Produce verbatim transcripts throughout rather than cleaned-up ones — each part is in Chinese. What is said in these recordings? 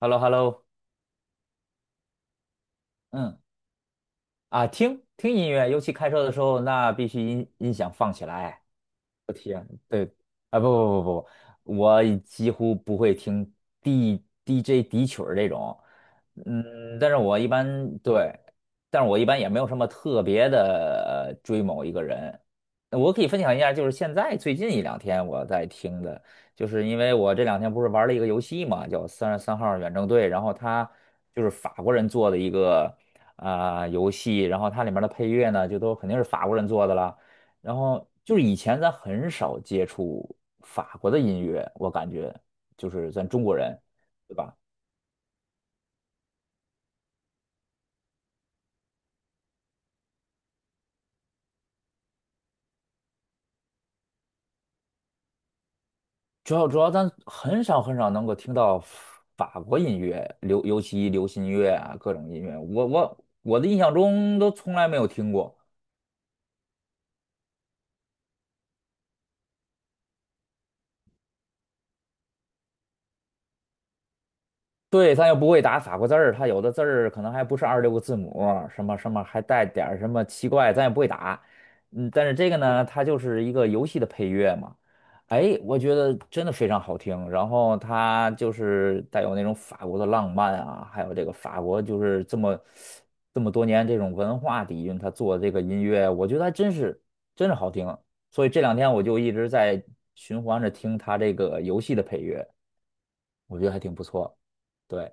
h e l l o h e l l o。 嗯。啊，听听音乐，尤其开车的时候，那必须音音响放起来。我天，对，啊，不不不不不，我已几乎不会听 D DJ 底曲儿这种，嗯，但是我一般对，但是我一般也没有什么特别的呃追某一个人。我可以分享一下，就是现在最近一两天我在听的，就是因为我这两天不是玩了一个游戏嘛，叫《三十三号远征队》，然后它就是法国人做的一个啊、游戏，然后它里面的配乐呢，就都肯定是法国人做的了。然后就是以前咱很少接触法国的音乐，我感觉就是咱中国人，对吧？主要主要咱很少很少能够听到法国音乐，流尤其流行乐啊，各种音乐，我我我的印象中都从来没有听过。对，他又不会打法国字儿，他有的字儿可能还不是二十六个字母，什么什么还带点儿什么奇怪，咱也不会打。嗯，但是这个呢，它就是一个游戏的配乐嘛。哎，我觉得真的非常好听，然后它就是带有那种法国的浪漫啊，还有这个法国就是这么这么多年这种文化底蕴，他做的这个音乐，我觉得还真是真是好听。所以这两天我就一直在循环着听他这个游戏的配乐，我觉得还挺不错。对。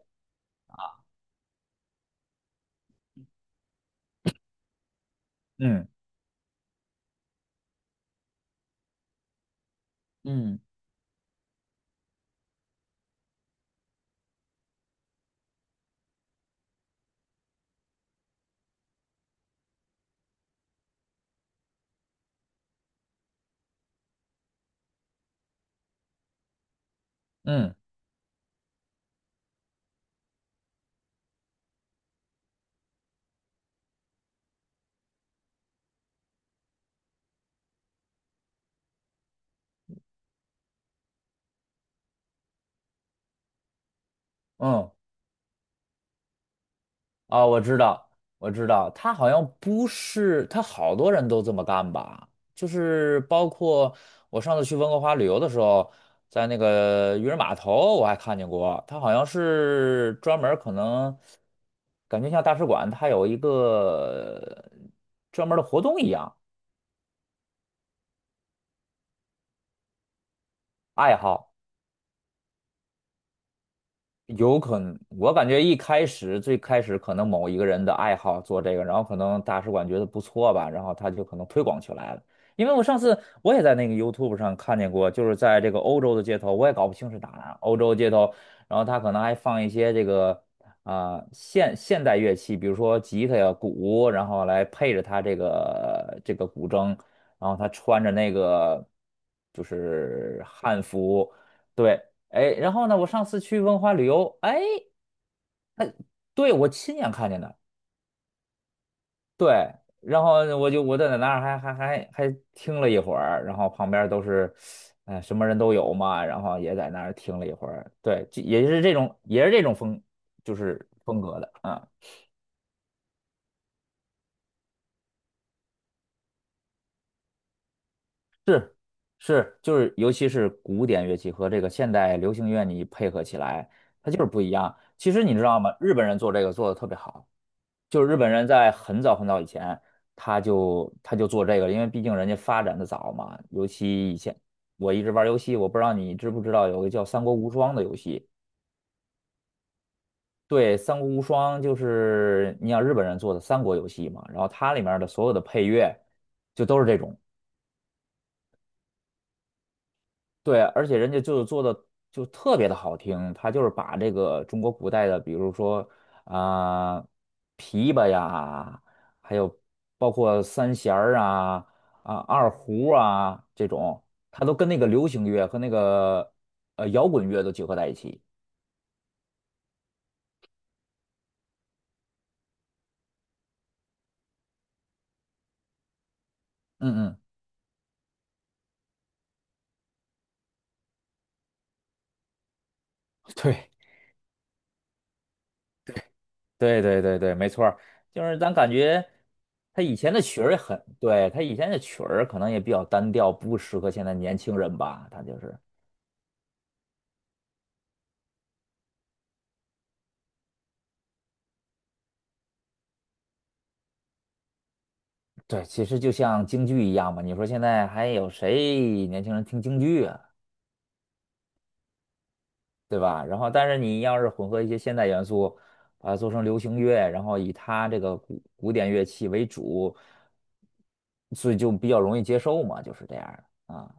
嗯嗯嗯嗯。啊，我知道，我知道，他好像不是，他好多人都这么干吧？就是包括我上次去温哥华旅游的时候，在那个渔人码头，我还看见过，他好像是专门儿可能感觉像大使馆，它有一个呃专门儿的活动一样，爱好。有可能，我感觉一开始最开始可能某一个人的爱好做这个，然后可能大使馆觉得不错吧，然后他就可能推广起来了。因为我上次我也在那个 YouTube 上看见过，就是在这个欧洲的街头，我也搞不清是哪儿啊，欧洲街头，然后他可能还放一些这个啊、现现代乐器，比如说吉他呀、鼓，然后来配着他这个这个古筝，然后他穿着那个就是汉服。对，哎，然后呢，我上次去文化旅游，哎，对，我亲眼看见的，对，然后我就我在那儿还还还还听了一会儿，然后旁边都是，哎，什么人都有嘛，然后也在那儿听了一会儿，对，这也是这种也是这种风，就是风格的啊，是是，就是尤其是古典乐器和这个现代流行乐你配合起来，它就是不一样。其实你知道吗？日本人做这个做的特别好。就是日本人在很早很早以前，他就他就做这个因为毕竟人家发展的早嘛。尤其以前我一直玩游戏，我不知道你知不知道有个叫《三国无双》的游戏。对，《三国无双》就是你想日本人做的三国游戏嘛，然后它里面的所有的配乐就都是这种。对，而且人家就是做的就特别的好听，他就是把这个中国古代的，比如说啊、琵琶呀，还有包括三弦儿啊、啊二胡啊这种，他都跟那个流行乐和那个呃摇滚乐都结合在一起。嗯嗯，对对对对对，没错儿，就是咱感觉他以前的曲儿也很，对，他以前的曲儿可能也比较单调，不适合现在年轻人吧，他就是。对，其实就像京剧一样嘛，你说现在还有谁年轻人听京剧啊，对吧？然后，但是你要是混合一些现代元素，把它做成流行乐，然后以它这个古古典乐器为主，所以就比较容易接受嘛，就是这样的啊。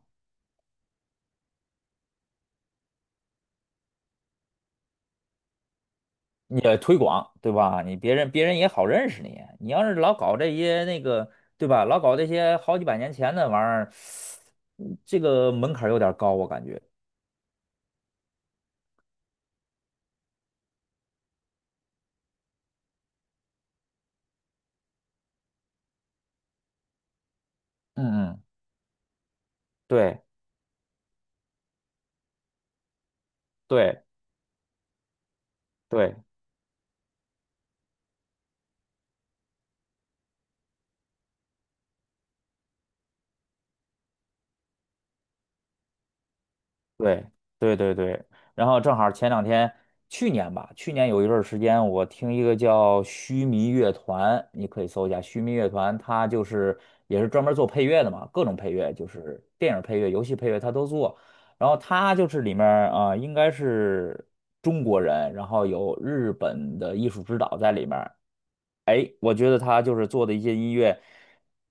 你也推广，对吧？你别人别人也好认识你。你要是老搞这些那个，对吧？老搞这些好几百年前的玩意儿，嗯这个门槛儿有点儿高，我感觉。嗯嗯，对对对。对对对对，然后正好前两天，去年吧，去年有一段儿时间，我听一个叫须弥乐团，你可以搜一下须弥乐团，它就是也是专门做配乐的嘛，各种配乐，就是电影配乐、游戏配乐，他都做。然后他就是里面啊、呃应该是中国人，然后有日本的艺术指导在里面儿。哎，我觉得他就是做的一些音乐，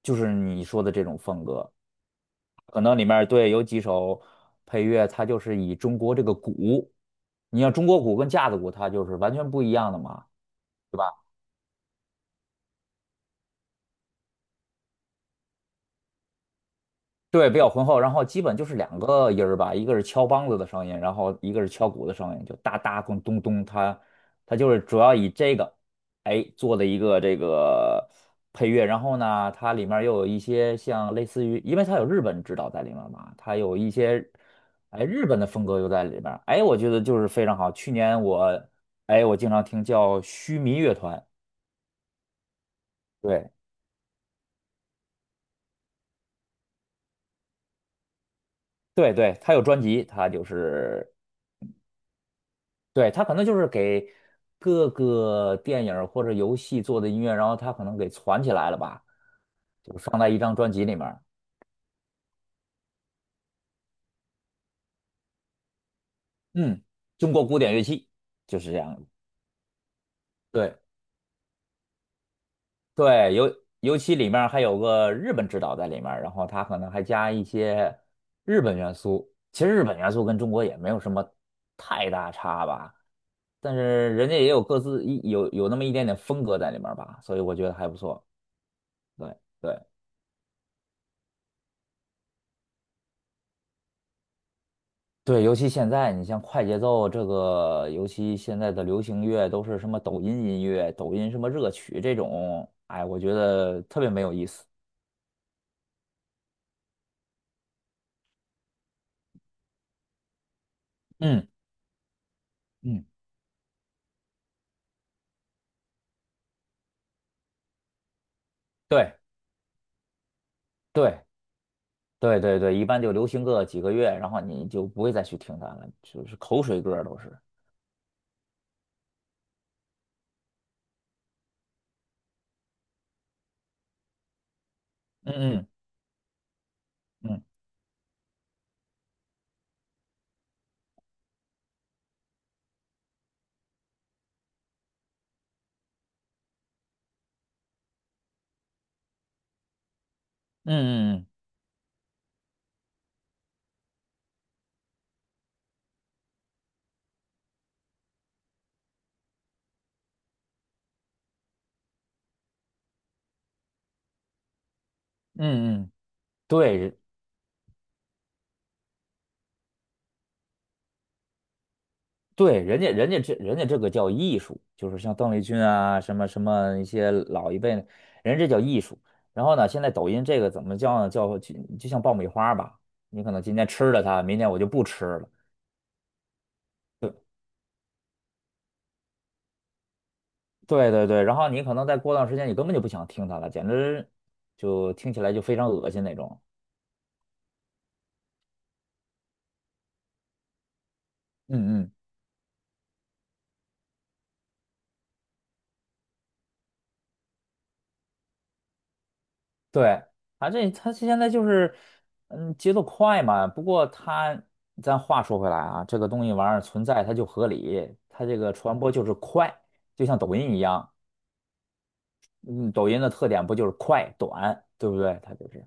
就是你说的这种风格。可能里面儿对有几首配乐，它就是以中国这个鼓，你像中国鼓跟架子鼓，它就是完全不一样的嘛。对吧？对，比较浑厚，然后基本就是两个音儿吧，一个是敲梆子的声音，然后一个是敲鼓的声音，就哒哒咚咚咚，它它就是主要以这个，哎，做的一个这个配乐，然后呢，它里面儿又有一些像类似于，因为它有日本指导在里面儿嘛，它有一些哎日本的风格又在里面儿，哎，我觉得就是非常好。去年我哎我经常听叫须弥乐团，对对对，它有专辑，它就是。对，他可能就是给各个电影儿或者游戏做的音乐，然后他可能给攒起来了吧，就放在一张专辑里面儿，嗯，中国古典乐器就是这样的，对对，尤尤其里面儿还有个日本指导在里面儿，然后他可能还加一些日本元素。其实日本元素跟中国也没有什么太大差吧，但是人家也有各自一有有那么一点点风格在里面儿吧，所以我觉得还不错。对对。对，尤其现在，你像快节奏这个，尤其现在的流行乐都是什么抖音音乐、抖音什么热曲这种，哎，我觉得特别没有意思。嗯嗯，对对对对对，一般就流行个几个月，然后你就不会再去听它了，就是口水歌儿都是。嗯嗯嗯嗯嗯嗯嗯，嗯，对，对，人家人家这人家这个叫艺术，就是像邓丽君啊，什么什么一些老一辈，的人家这叫艺术。然后呢，现在抖音这个怎么叫呢？叫就就像爆米花吧，你可能今天吃了它，明天我就不吃了。对对对，然后你可能再过段时间，你根本就不想听它了，简直就听起来就非常恶心那种。嗯嗯，对，啊，这他现在就是，嗯，节奏快嘛。不过他，咱话说回来啊，这个东西玩意儿存在，它就合理，它这个传播就是快，就像抖音一样，嗯，抖音的特点不就是快短，对不对？它就是，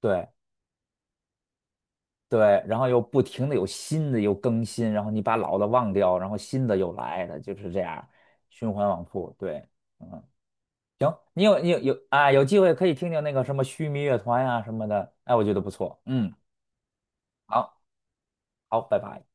对对，然后又不停的有新的又更新，然后你把老的忘掉，然后新的又来，它就是这样循环往复。对，嗯，行，你有你有有啊，有机会可以听听那个什么须弥乐团呀、什么的，哎，我觉得不错，嗯。好。好，拜拜。